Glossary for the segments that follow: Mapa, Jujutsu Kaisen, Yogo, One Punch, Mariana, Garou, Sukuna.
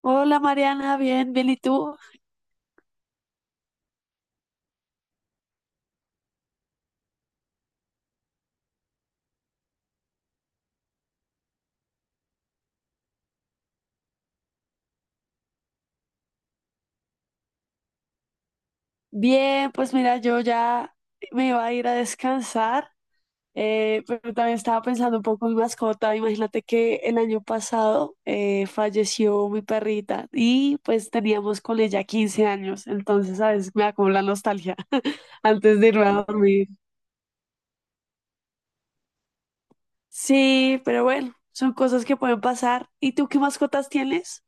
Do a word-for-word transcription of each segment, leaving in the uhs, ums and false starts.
Hola Mariana, bien, bien, ¿y tú? Bien, pues mira, yo ya me iba a ir a descansar, eh, pero también estaba pensando un poco en mi mascota. Imagínate que el año pasado eh, falleció mi perrita y pues teníamos con ella quince años, entonces a veces me da como la nostalgia antes de irme a dormir. Sí, pero bueno, son cosas que pueden pasar. ¿Y tú qué mascotas tienes?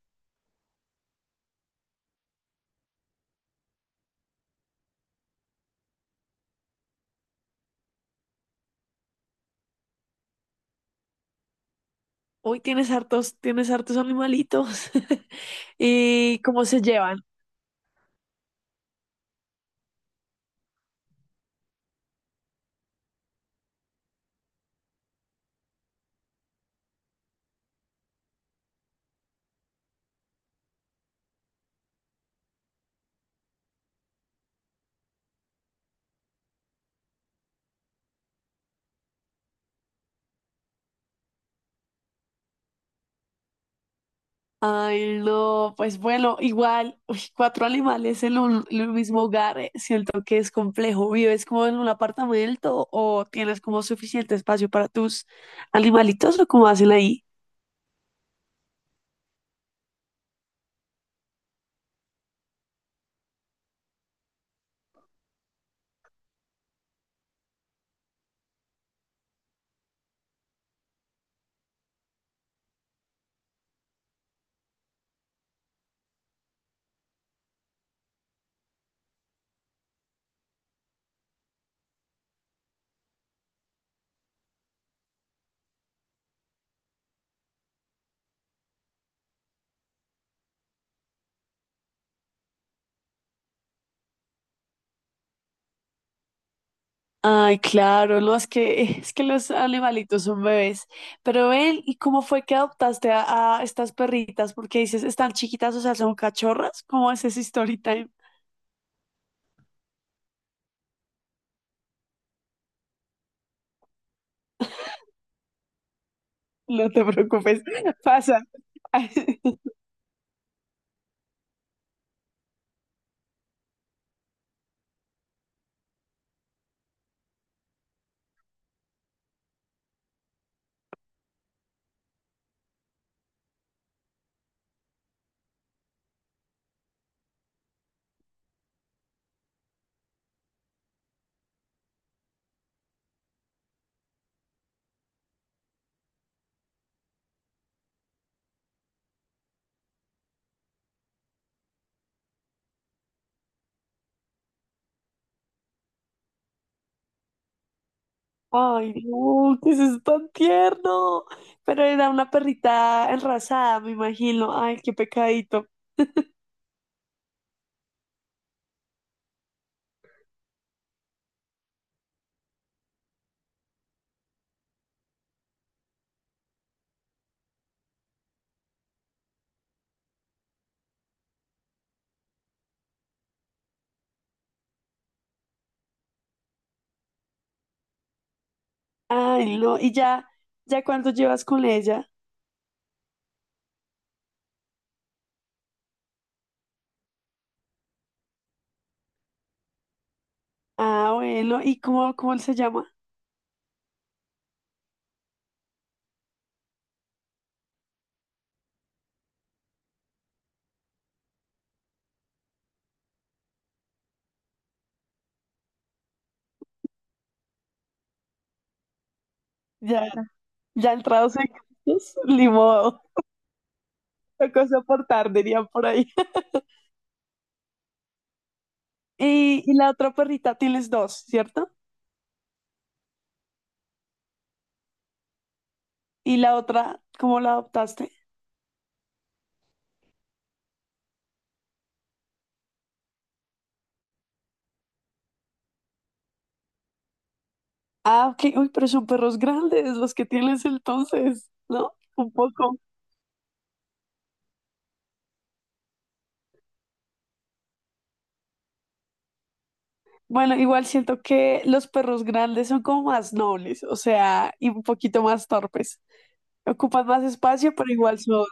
Hoy tienes hartos, tienes hartos animalitos. ¿Y cómo se llevan? Ay, no, pues bueno, igual, uy, cuatro animales en un, en un mismo hogar, eh, siento que es complejo. ¿Vives como en un apartamento o tienes como suficiente espacio para tus animalitos o cómo hacen ahí? Ay, claro, no, es que, es que los animalitos son bebés. Pero ven, ¿y cómo fue que adoptaste a, a estas perritas? Porque dices, están chiquitas, o sea, son cachorras. ¿Cómo es ese story time? No te preocupes, pasa. Ay, no, que eso es tan tierno. Pero era una perrita enrasada, me imagino. Ay, qué pecadito. Ay, no. ¿Y ya, ¿ya cuánto llevas con ella? Ah, bueno. ¿Y cómo, cómo él se llama? Ya, ya entrados en gastos, ni modo. Tocó soportar, dirían por ahí. Y, y la otra perrita, tienes dos, ¿cierto? Y la otra, ¿cómo la adoptaste? Ah, ok. Uy, pero son perros grandes los que tienes entonces, ¿no? Un poco. Bueno, igual siento que los perros grandes son como más nobles, o sea, y un poquito más torpes. Ocupan más espacio, pero igual son,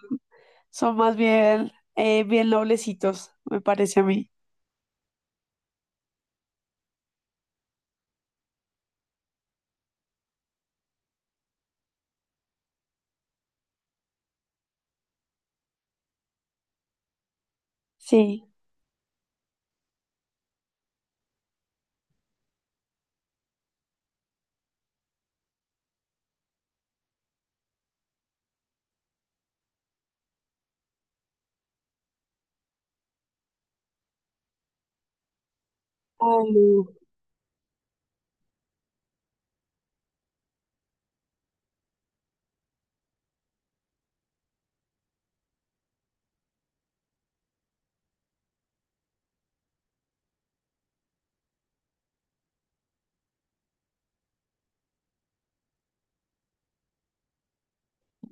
son más bien, eh, bien noblecitos, me parece a mí. Sí. Oh,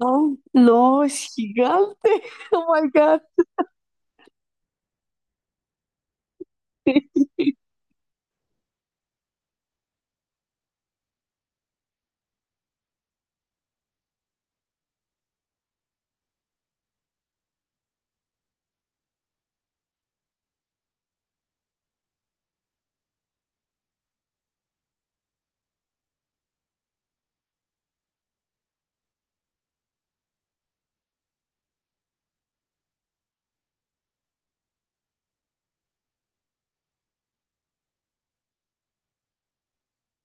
no, no, es gigante. Oh my God.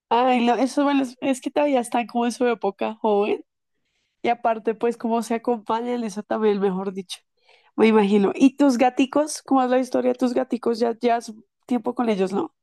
Ay, no, eso, bueno, es es que todavía están como en su época joven. Y aparte, pues, cómo se acompañan, eso también, mejor dicho. Me imagino. ¿Y tus gaticos? ¿Cómo es la historia de tus gaticos? Ya llevas tiempo con ellos, ¿no?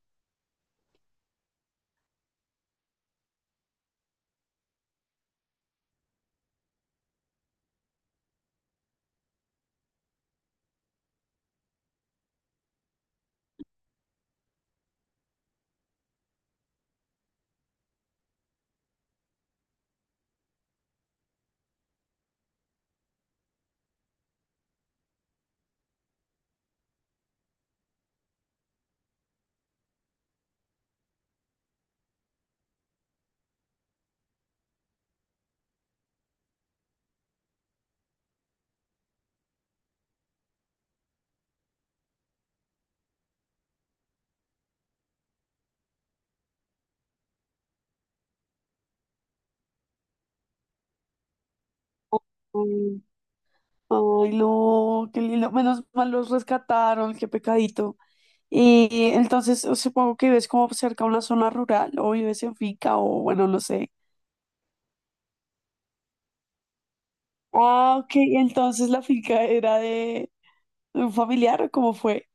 Ay, ay, no, qué lindo. Menos mal los rescataron, qué pecadito. Y entonces supongo que vives como cerca a una zona rural o vives en finca o bueno, no sé. Ah, ok. Entonces la finca era de un familiar o cómo fue.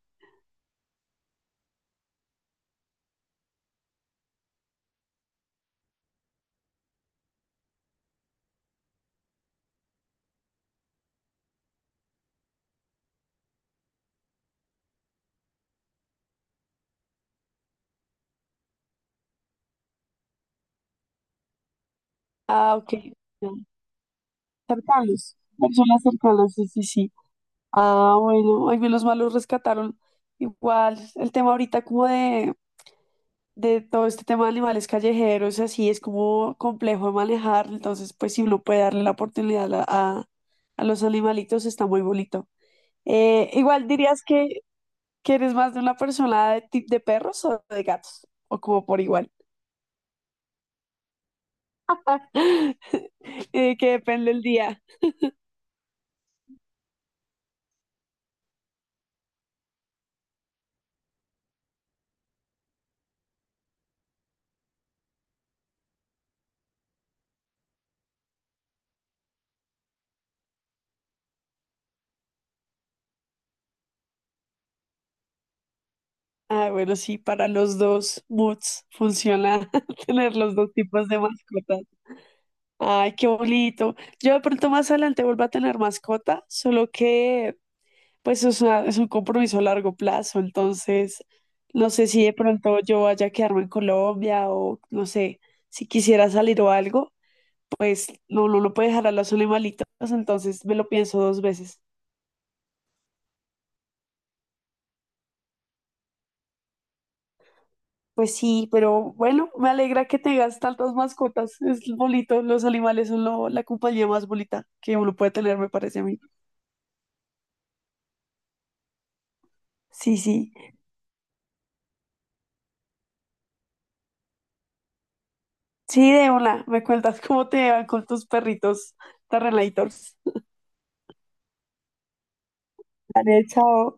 Ah, ok, ya. Cercanos, personas cercanas, sí, sí, sí. Ah, bueno, ay, menos mal los rescataron. Igual, el tema ahorita como de, de todo este tema de animales callejeros, así es como complejo de manejar, entonces pues si uno puede darle la oportunidad a, a- a los animalitos, está muy bonito. Eh, igual dirías que, que eres más de una persona de, ti- de perros o de gatos, o como por igual, eh, que depende el día. Ah, bueno, sí, para los dos moods funciona tener los dos tipos de mascotas. Ay, qué bonito. Yo de pronto más adelante vuelvo a tener mascota, solo que pues es, una- es un compromiso a largo plazo, entonces no sé si de pronto yo vaya a quedarme en Colombia o no sé, si quisiera salir o algo, pues no, no, no puede dejar a los animalitos, entonces me lo pienso dos veces. Pues sí, pero bueno, me alegra que tengas tantas mascotas, es bonito, los animales son lo- la compañía más bonita que uno puede tener, me parece a mí. Sí, sí. Sí, de una. Me cuentas cómo te van con tus perritos Terrelators. Dale, chao.